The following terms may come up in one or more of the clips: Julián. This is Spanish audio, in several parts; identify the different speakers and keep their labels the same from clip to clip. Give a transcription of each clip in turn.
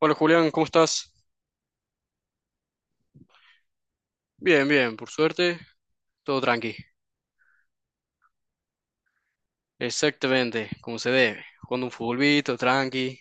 Speaker 1: Hola Julián, ¿cómo estás? Bien, bien, por suerte, todo tranqui. Exactamente, como se debe, jugando un futbolito, tranqui.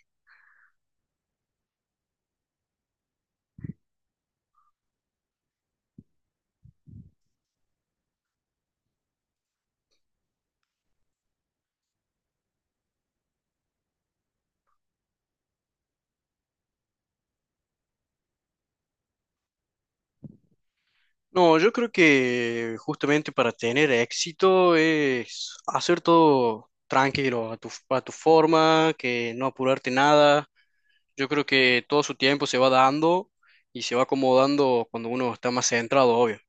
Speaker 1: No, yo creo que justamente para tener éxito es hacer todo tranquilo, a tu forma, que no apurarte nada. Yo creo que todo su tiempo se va dando y se va acomodando cuando uno está más centrado, obvio.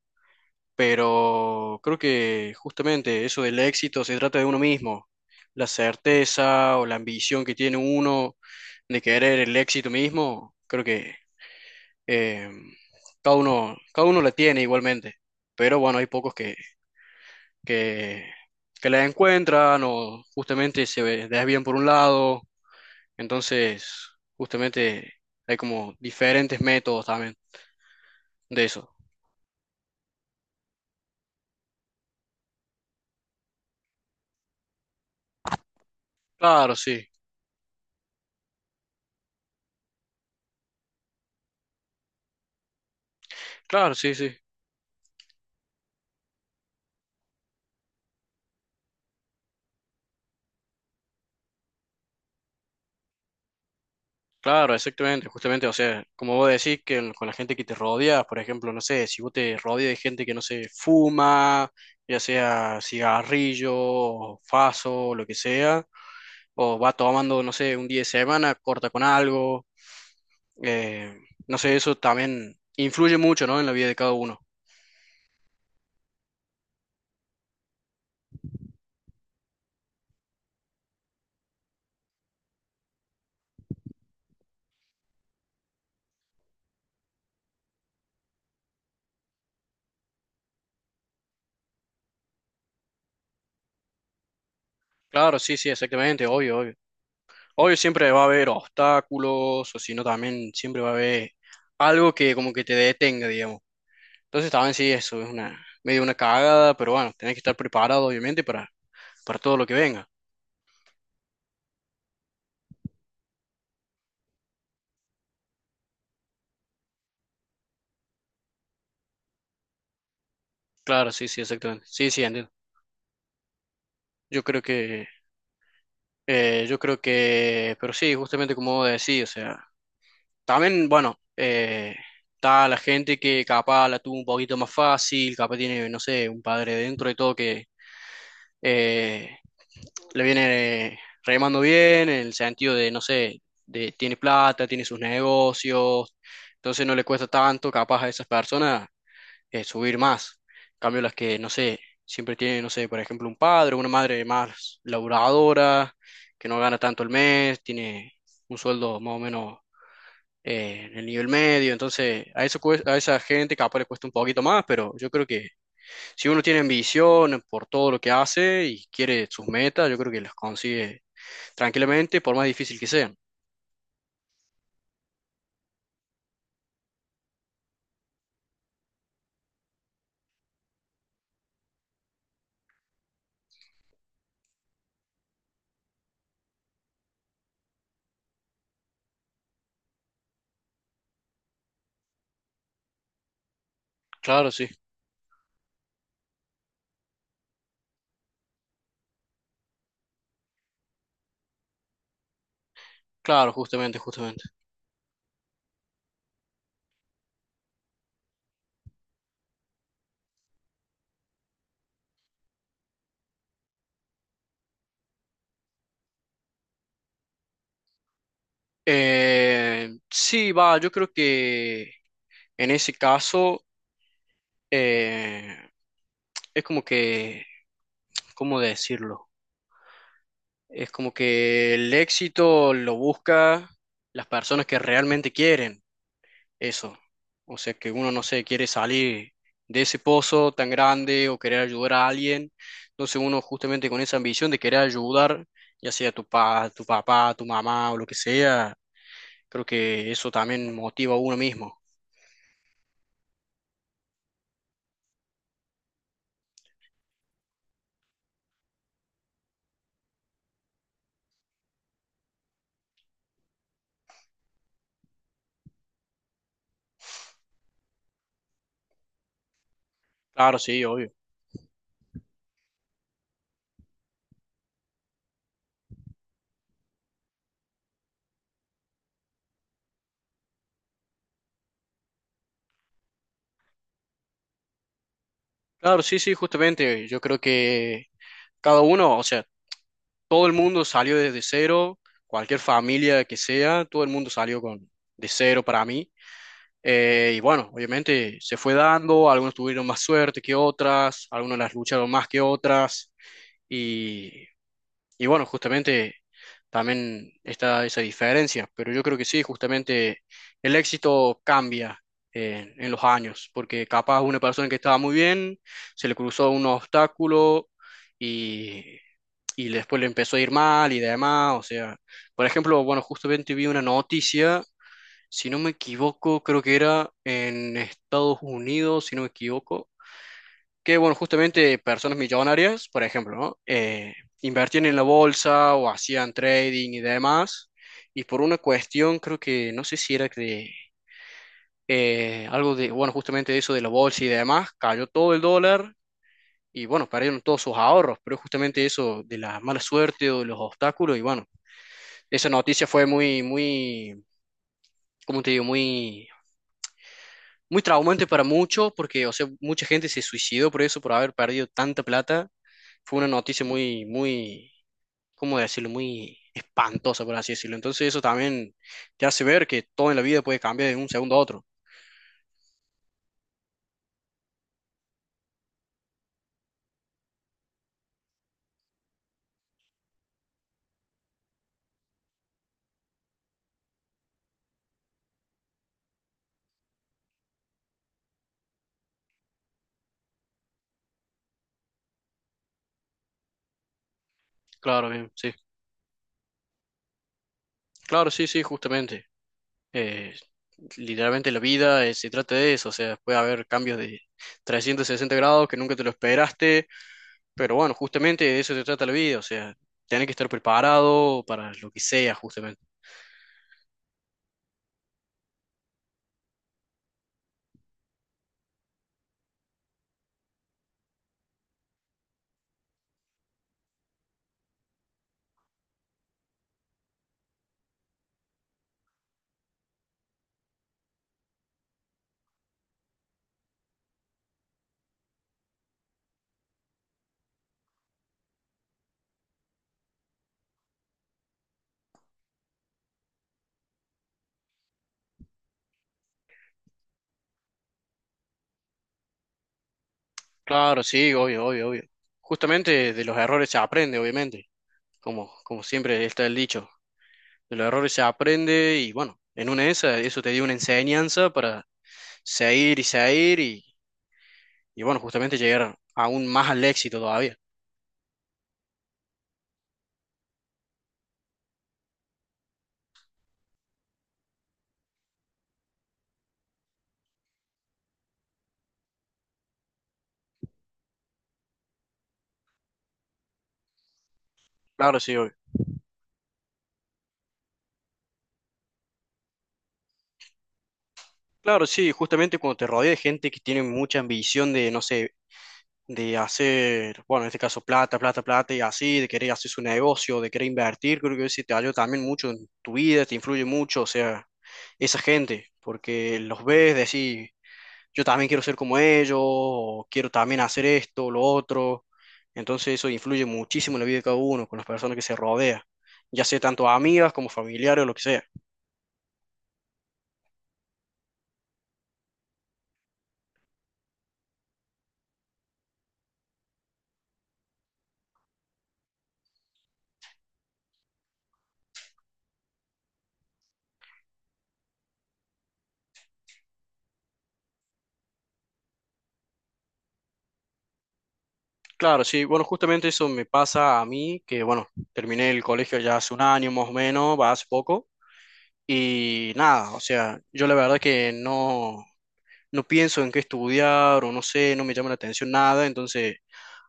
Speaker 1: Pero creo que justamente eso del éxito se trata de uno mismo, la certeza o la ambición que tiene uno de querer el éxito mismo, creo que eh, cada uno la tiene igualmente, pero bueno, hay pocos que, que la encuentran o justamente desvían por un lado, entonces justamente hay como diferentes métodos también de eso. Claro, sí, claro, sí, sí. Claro, exactamente, justamente, o sea, como vos decís, que con la gente que te rodea, por ejemplo, no sé, si vos te rodeas de gente que no se fuma, ya sea cigarrillo, o faso, o lo que sea, o va tomando, no sé, un día de semana, corta con algo, eh, no sé, eso también influye mucho, ¿no? En la vida de cada uno. Claro, sí, sí, exactamente, obvio, obvio. Obvio siempre va a haber obstáculos, o si no, también siempre va a haber algo que como que te detenga, digamos. Entonces también sí, eso es una medio una cagada, pero bueno, tenés que estar preparado obviamente para todo lo que venga. Claro, sí, sí, exactamente. Sí, sí, entiendo. Yo creo que, yo creo que, pero sí, justamente como decía, o sea, también, bueno, está la gente que capaz la tuvo un poquito más fácil, capaz tiene, no sé, un padre dentro y todo que, eh, le viene remando bien en el sentido de, no sé, de tiene plata, tiene sus negocios, entonces no le cuesta tanto capaz a esas personas subir más. En cambio, las que, no sé, siempre tienen, no sé, por ejemplo, un padre, una madre más laburadora, que no gana tanto el mes, tiene un sueldo más o menos en el nivel medio, entonces a esa gente capaz le cuesta un poquito más, pero yo creo que si uno tiene ambición por todo lo que hace y quiere sus metas, yo creo que las consigue tranquilamente, por más difícil que sean. Claro, sí, claro, justamente, justamente. Sí, va, yo creo que en ese caso eh, es como que, ¿cómo decirlo? Es como que el éxito lo busca las personas que realmente quieren eso. O sea, que uno no sé, quiere salir de ese pozo tan grande o querer ayudar a alguien. Entonces uno justamente con esa ambición de querer ayudar, ya sea tu papá, tu mamá o lo que sea, creo que eso también motiva a uno mismo. Claro, sí, obvio. Claro, sí, sí, justamente. Yo creo que cada uno, o sea, todo el mundo salió desde cero, cualquier familia que sea, todo el mundo salió con de cero para mí. Y bueno, obviamente se fue dando, algunos tuvieron más suerte que otras, algunos las lucharon más que otras. y y bueno, justamente también está esa diferencia, pero yo creo que sí, justamente el éxito cambia en los años, porque capaz una persona que estaba muy bien, se le cruzó un obstáculo y, y después le empezó a ir mal y demás, o sea, por ejemplo, bueno, justamente vi una noticia, si no me equivoco, creo que era en Estados Unidos, si no me equivoco que, bueno, justamente personas millonarias, por ejemplo, ¿no? Invertían en la bolsa o hacían trading y demás, y por una cuestión, creo que, no sé si era de algo de, bueno, justamente eso de la bolsa y demás, cayó todo el dólar y, bueno, perdieron todos sus ahorros, pero justamente eso de la mala suerte o de los obstáculos, y bueno, esa noticia fue muy, muy, ¿cómo te digo? Muy muy traumante para muchos, porque, o sea, mucha gente se suicidó por eso, por haber perdido tanta plata. Fue una noticia muy, muy, ¿cómo decirlo? Muy espantosa, por así decirlo. Entonces eso también te hace ver que todo en la vida puede cambiar de un segundo a otro. Claro, bien, sí. Claro, sí, sí, justamente. Eh, literalmente la vida se trata de eso, o sea, puede haber cambios de 360 grados que nunca te lo esperaste, pero bueno, justamente de eso se trata la vida, o sea, tenés que estar preparado para lo que sea, justamente. Claro, sí, obvio, obvio, obvio. Justamente de los errores se aprende, obviamente, como, como siempre está el dicho. De los errores se aprende y bueno, en una de esas, eso te dio una enseñanza para seguir y seguir y bueno, justamente llegar aún más al éxito todavía. Claro, sí, obvio. Claro, sí, justamente cuando te rodea de gente que tiene mucha ambición de, no sé, de hacer, bueno, en este caso plata, plata, plata y así, de querer hacer su negocio, de querer invertir, creo que eso te ayuda también mucho en tu vida, te influye mucho, o sea, esa gente, porque los ves, decís, yo también quiero ser como ellos, o quiero también hacer esto, lo otro, entonces eso influye muchísimo en la vida de cada uno, con las personas que se rodea. Ya sea tanto amigas como familiares o lo que sea. Claro, sí, bueno, justamente eso me pasa a mí, que bueno, terminé el colegio ya hace 1 año más o menos, va hace poco, y nada, o sea, yo la verdad que no, no pienso en qué estudiar o no sé, no me llama la atención nada, entonces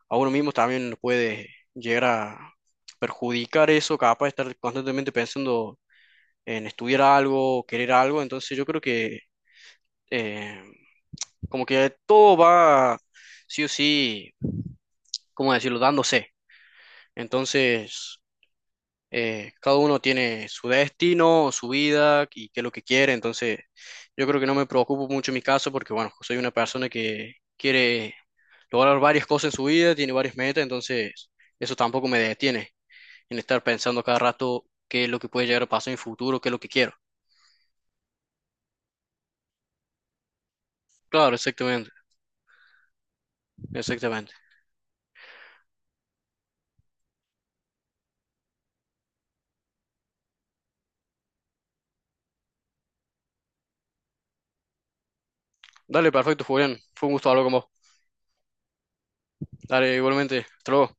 Speaker 1: a uno mismo también nos puede llegar a perjudicar eso, capaz de estar constantemente pensando en estudiar algo, querer algo, entonces yo creo que eh, como que todo va sí o sí, ¿cómo decirlo?, dándose. Entonces... cada uno tiene su destino, su vida y qué es lo que quiere, entonces yo creo que no me preocupo mucho en mi caso porque, bueno, soy una persona que quiere lograr varias cosas en su vida, tiene varias metas, entonces eso tampoco me detiene en estar pensando cada rato qué es lo que puede llegar a pasar en el futuro, qué es lo que quiero. Claro, exactamente, exactamente. Dale, perfecto, Julián. Fue un gusto hablar con vos. Dale, igualmente. Hasta luego.